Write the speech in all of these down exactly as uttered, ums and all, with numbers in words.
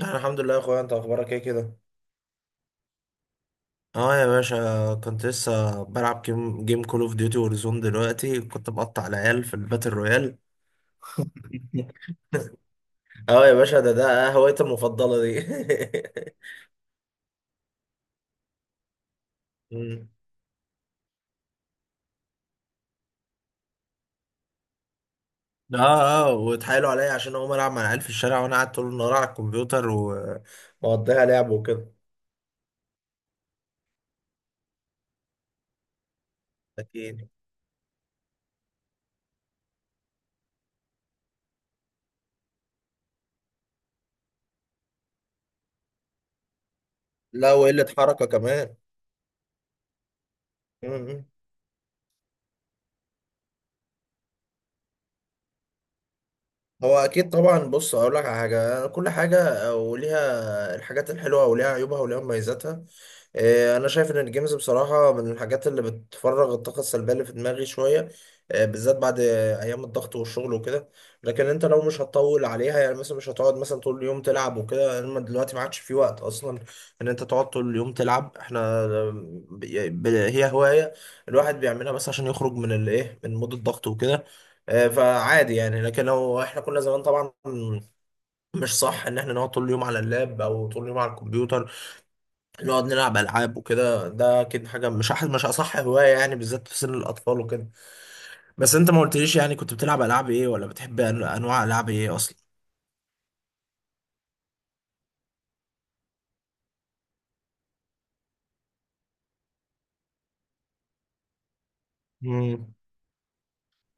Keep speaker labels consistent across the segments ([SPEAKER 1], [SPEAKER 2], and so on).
[SPEAKER 1] انا الحمد لله يا اخويا، انت اخبارك ايه كده؟ اه يا باشا، كنت لسه بلعب جيم جيم كول اوف ديوتي وورزون. دلوقتي كنت بقطع العيال في الباتل رويال. اه يا باشا، ده ده هوايتي المفضله دي. مم. اه، اه، واتحايلوا عليا عشان اقوم العب مع العيال في الشارع، وانا قاعد طول النهار على الكمبيوتر ومقضيها لعب وكده. اكيد. لا، وقله حركه كمان. مم. هو اكيد طبعا. بص، اقول لك على حاجه، كل حاجه وليها... الحاجات الحلوه وليها عيوبها وليها مميزاتها. آه، انا شايف ان الجيمز بصراحه من الحاجات اللي بتفرغ الطاقه السلبيه اللي في دماغي شويه. آه، بالذات بعد آه، ايام الضغط والشغل وكده. لكن انت لو مش هتطول عليها يعني، مثلا مش هتقعد مثلا طول اليوم تلعب وكده، انما دلوقتي ما عادش في وقت اصلا ان انت تقعد طول اليوم تلعب. احنا... آه، ب- ب- هي هوايه الواحد بيعملها بس عشان يخرج من الايه، من مود الضغط وكده. آه، فعادي يعني. لكن لو احنا كنا زمان طبعا مش صح ان احنا نقعد طول اليوم على اللاب او طول اليوم على الكمبيوتر نقعد نلعب العاب وكده. ده اكيد حاجه مش أح مش اصح هوايه يعني، بالذات في سن الاطفال وكده. بس انت ما قلتليش يعني كنت بتلعب العاب ايه، ولا بتحب أن- انواع العاب ايه اصلا؟ مم.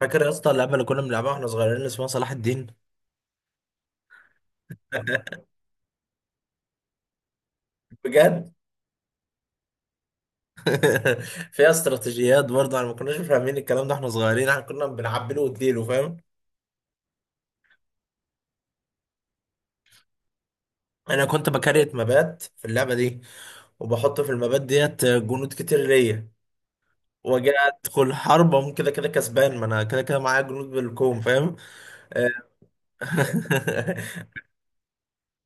[SPEAKER 1] فاكر يا اسطى اللعبه اللي كنا بنلعبها واحنا صغيرين اللي اسمها صلاح الدين؟ بجد؟ فيها استراتيجيات برضه، احنا ما كناش فاهمين الكلام ده احنا صغيرين، احنا كنا بنعبله واديله فاهم. انا كنت بكريت مبات في اللعبه دي، وبحط في المبات ديت جنود كتير ليا، واجي ادخل حرب أقوم كده كده كسبان، ما انا كده كده معايا جنود بالكوم فاهم.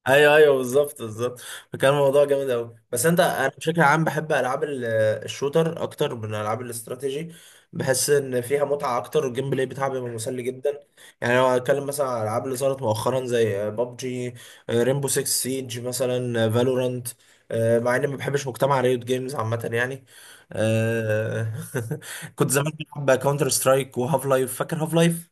[SPEAKER 1] ايوه، ايوه، بالظبط، بالظبط. فكان الموضوع جامد قوي، بس انت... انا بشكل عام بحب العاب ال- الشوتر اكتر من العاب الاستراتيجي. بحس ان فيها متعه اكتر، والجيم بلاي بتاعها بيبقى مسلي جدا. يعني لو هتكلم مثلا على الالعاب اللي ظهرت مؤخرا زي ببجي، ريمبو سيكس سيج مثلا، فالورانت، مع اني ما بحبش مجتمع ريوت جيمز عامه يعني. آه، كنت زمان بلعب كاونتر سترايك وهاف لايف. فاكر هاف لايف؟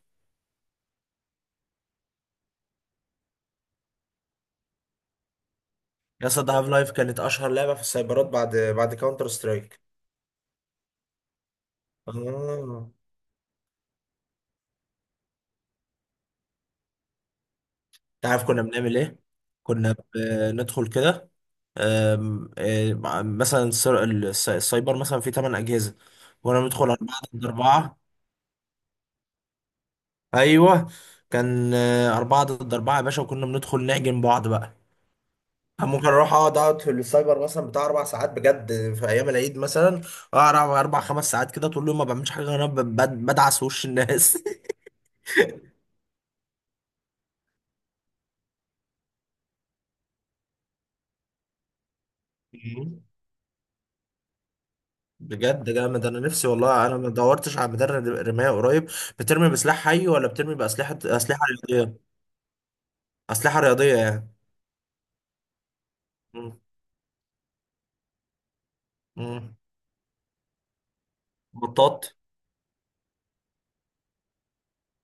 [SPEAKER 1] يا اسطى هاف لايف كانت اشهر لعبه في السايبرات بعد بعد كاونتر سترايك. اه. انت عارف كنا بنعمل ايه؟ كنا بندخل كده، آم، آه، مثلا السر- الس- السايبر مثلا فيه ثمانية اجهزه، وانا بندخل أربعة ضد أربعة. ايوه. كان أربعة ضد أربعة يا باشا، وكنا بندخل نعجن بعض بقى. أنا ممكن اروح اقعد اقعد في السايبر مثلا بتاع اربع ساعات بجد، في ايام العيد مثلا. اقعد اربع خمس ساعات كده، طول اليوم ما بعملش حاجه غير إن انا ب- ب- بدعس وش الناس. بجد جامد. انا نفسي والله، انا ما دورتش على مدرب رماية قريب. بترمي بسلاح حي ولا بترمي بأسلحة أسلحة رياضية؟ أسلحة رياضية يعني. مم. مم. بطاط.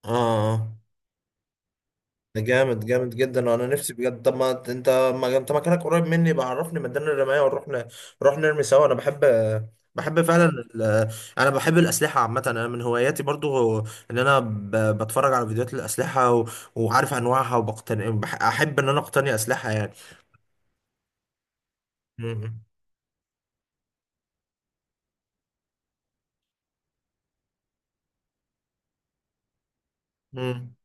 [SPEAKER 1] اه. آه. ده جامد، جامد جدا. انا نفسي بجد. طب ما انت... ما انت مكانك قريب مني بقى، عرفني ميدان الرماية ونروح ن... نروح نرمي سوا. انا بحب، بحب فعلا ال... انا بحب الاسلحه عامه، انا من هواياتي برضو هو ان انا ب... بتفرج على فيديوهات الاسلحه، و... وعارف انواعها، وبقتني بح... احب ان انا اقتني اسلحه يعني. مم.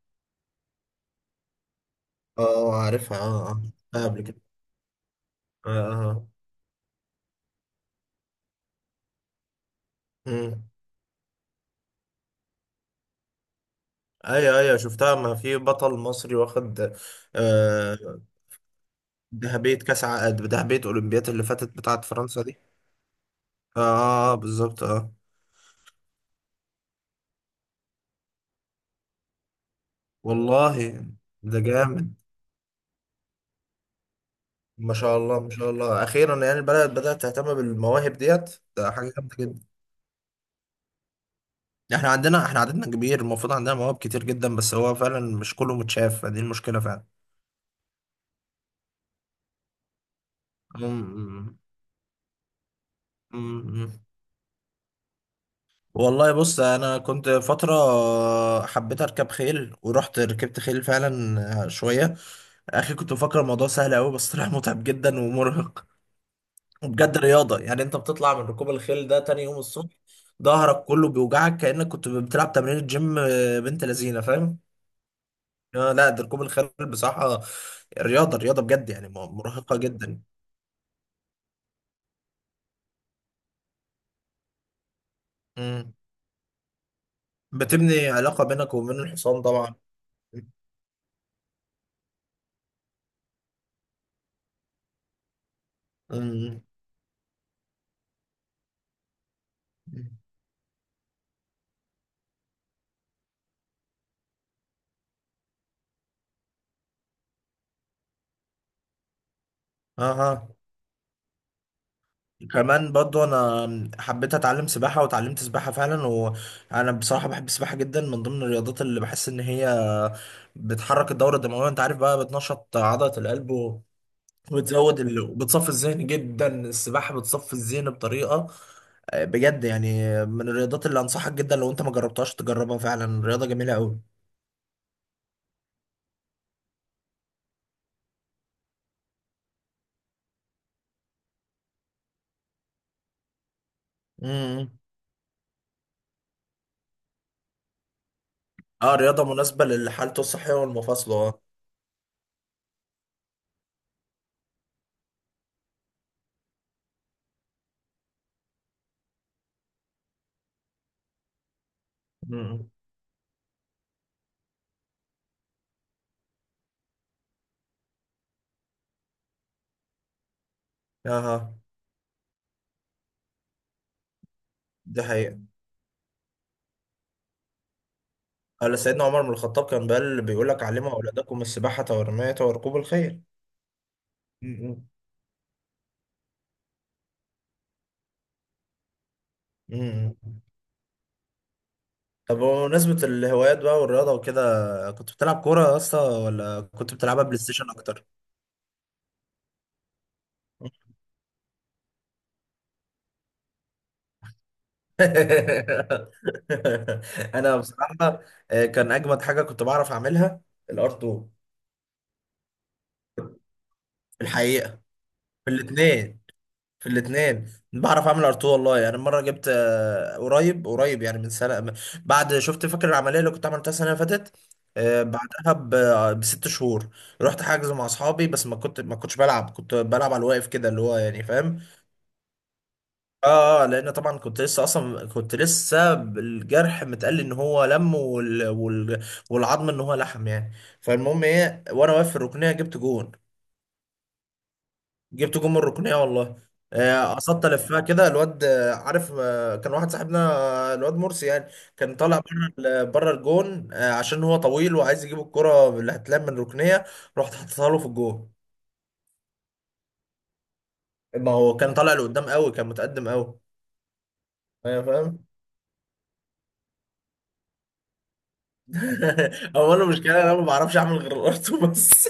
[SPEAKER 1] اه عارفها، اه اه شفتها قبل كده. اه اه اه. مم. ايوه، ايوه شفتها. ما في بطل مصري واخد آه ذهبية كاس ع- ذهبية اولمبياد اللي فاتت بتاعت فرنسا دي. اه آه، اه، بالظبط اه. والله. ده جامد. ما شاء الله، ما شاء الله، اخيرا يعني البلد بدأت تهتم بالمواهب ديت، ده حاجة جامدة جدا. احنا عندنا احنا عددنا كبير، المفروض عندنا مواهب كتير جدا، بس هو فعلا مش كله متشاف، دي المشكلة فعلا. مم. مم. والله بص، انا كنت فتره حبيت اركب خيل، ورحت ركبت خيل فعلا شويه. اخي كنت مفكر الموضوع سهل قوي، بس طلع متعب جدا ومرهق. وبجد رياضه يعني، انت بتطلع من ركوب الخيل ده تاني يوم الصبح ظهرك كله بيوجعك كانك كنت بتلعب تمرين جيم. بنت لذينه فاهم. آه، لا، ده ركوب الخيل بصراحه رياضه، رياضه بجد يعني، مرهقه جدا. مم. بتبني علاقه بينك وبين الحصان طبعا. مم. اها. كمان برضو انا حبيت اتعلم سباحة، وتعلمت سباحة فعلا، وانا بصراحة بحب السباحة جدا. من ضمن الرياضات اللي بحس ان هي بتحرك الدورة الدموية انت عارف بقى، بتنشط عضلة القلب و- وبتزود ال... وبتصفي الذهن جدا. السباحة بتصفي الذهن بطريقة آه، بجد يعني. من الرياضات اللي انصحك جدا، لو انت ما جربتهاش تجربها فعلا. رياضة جميلة قوي. امم. اه، رياضة مناسبة لحالته الصحية والمفاصلة، اه. مم. اها. دي حقيقة. قال سيدنا عمر بن الخطاب، كان بل بيقول لك: علموا أولادكم السباحة والرماية وركوب الخيل. مم. امم. طب بمناسبة الهوايات بقى والرياضة وكده، كنت بتلعب كورة يا اسطى ولا كنت بتلعبها بلاي ستيشن أكتر؟ أنا بصراحة، آه، كان أجمد حاجة كنت بعرف أعملها: الأرض. الحقيقة. في الاتنين في الاثنين. بعرف اعمل ارتو والله، يعني مره جبت آه، قريب قريب يعني من سنه م- بعد شفت، فاكر العمليه اللي كنت عملتها السنه اللي فاتت؟ آه، بعدها ب- آه، بست شهور. رحت حاجز مع اصحابي، بس ما كنت ما كنتش بلعب، كنت بلعب على الواقف كده اللي هو يعني فاهم. اه آه، لان طبعا كنت لسه اصلا كنت لسه الجرح متقل ان هو لم، وال... وال... والعظم ان هو لحم يعني. فالمهم ايه، وانا واقف في الركنيه جبت جون. جبت جون من الركنيه والله. آه، قصدت الفها كده الواد، آه، عارف، آه، كان واحد صاحبنا، آه، الواد مرسي يعني. كان طالع بره بره الجون، آه، عشان هو طويل وعايز يجيب الكره اللي هتلعب من الركنيه. رحت حطيتها له في الجون. ما هو كان طالع لقدام قوي، كان متقدم قوي. ايوه، فاهم. هو انا المشكله إن انا ما بعرفش اعمل غير الارتو بس.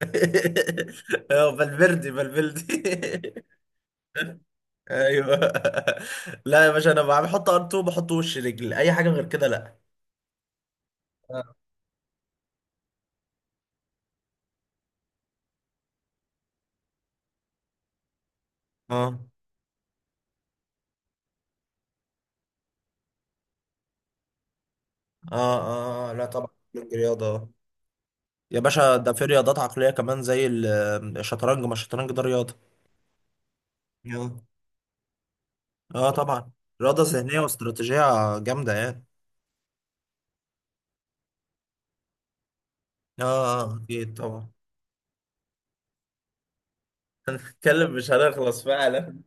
[SPEAKER 1] آه، فالفيردي، فالفيردي! ايوه. لا يا باشا، انا بحط ار2، بحط وش رجل، اي حاجه غير كده لا. اه اه اه آه، لا طبعا، من رياضة. يا باشا، ده في رياضات عقلية كمان زي ال- الشطرنج. ما الشطرنج ده رياضة. اه، اه طبعا. رياضة ذهنية واستراتيجية جامدة يعني. اه آه، آه، اكيد طبعا. اتكلم مش هنخلص فعلا.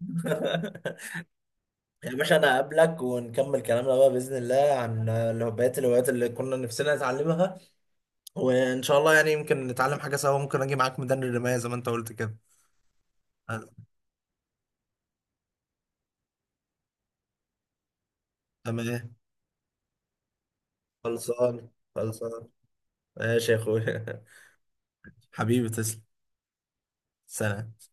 [SPEAKER 1] يا باشا انا هقابلك، ونكمل كلامنا بقى باذن الله عن ال- بقيه الهوايات اللي كنا نفسنا نتعلمها. وان شاء الله يعني يمكن نتعلم حاجه سوا، ممكن اجي معاك ميدان الرمايه زي ما انت قلت كده. آه، تمام. خلصان، خلصان. ماشي يا اخويا. حبيبي تسلم. سلام.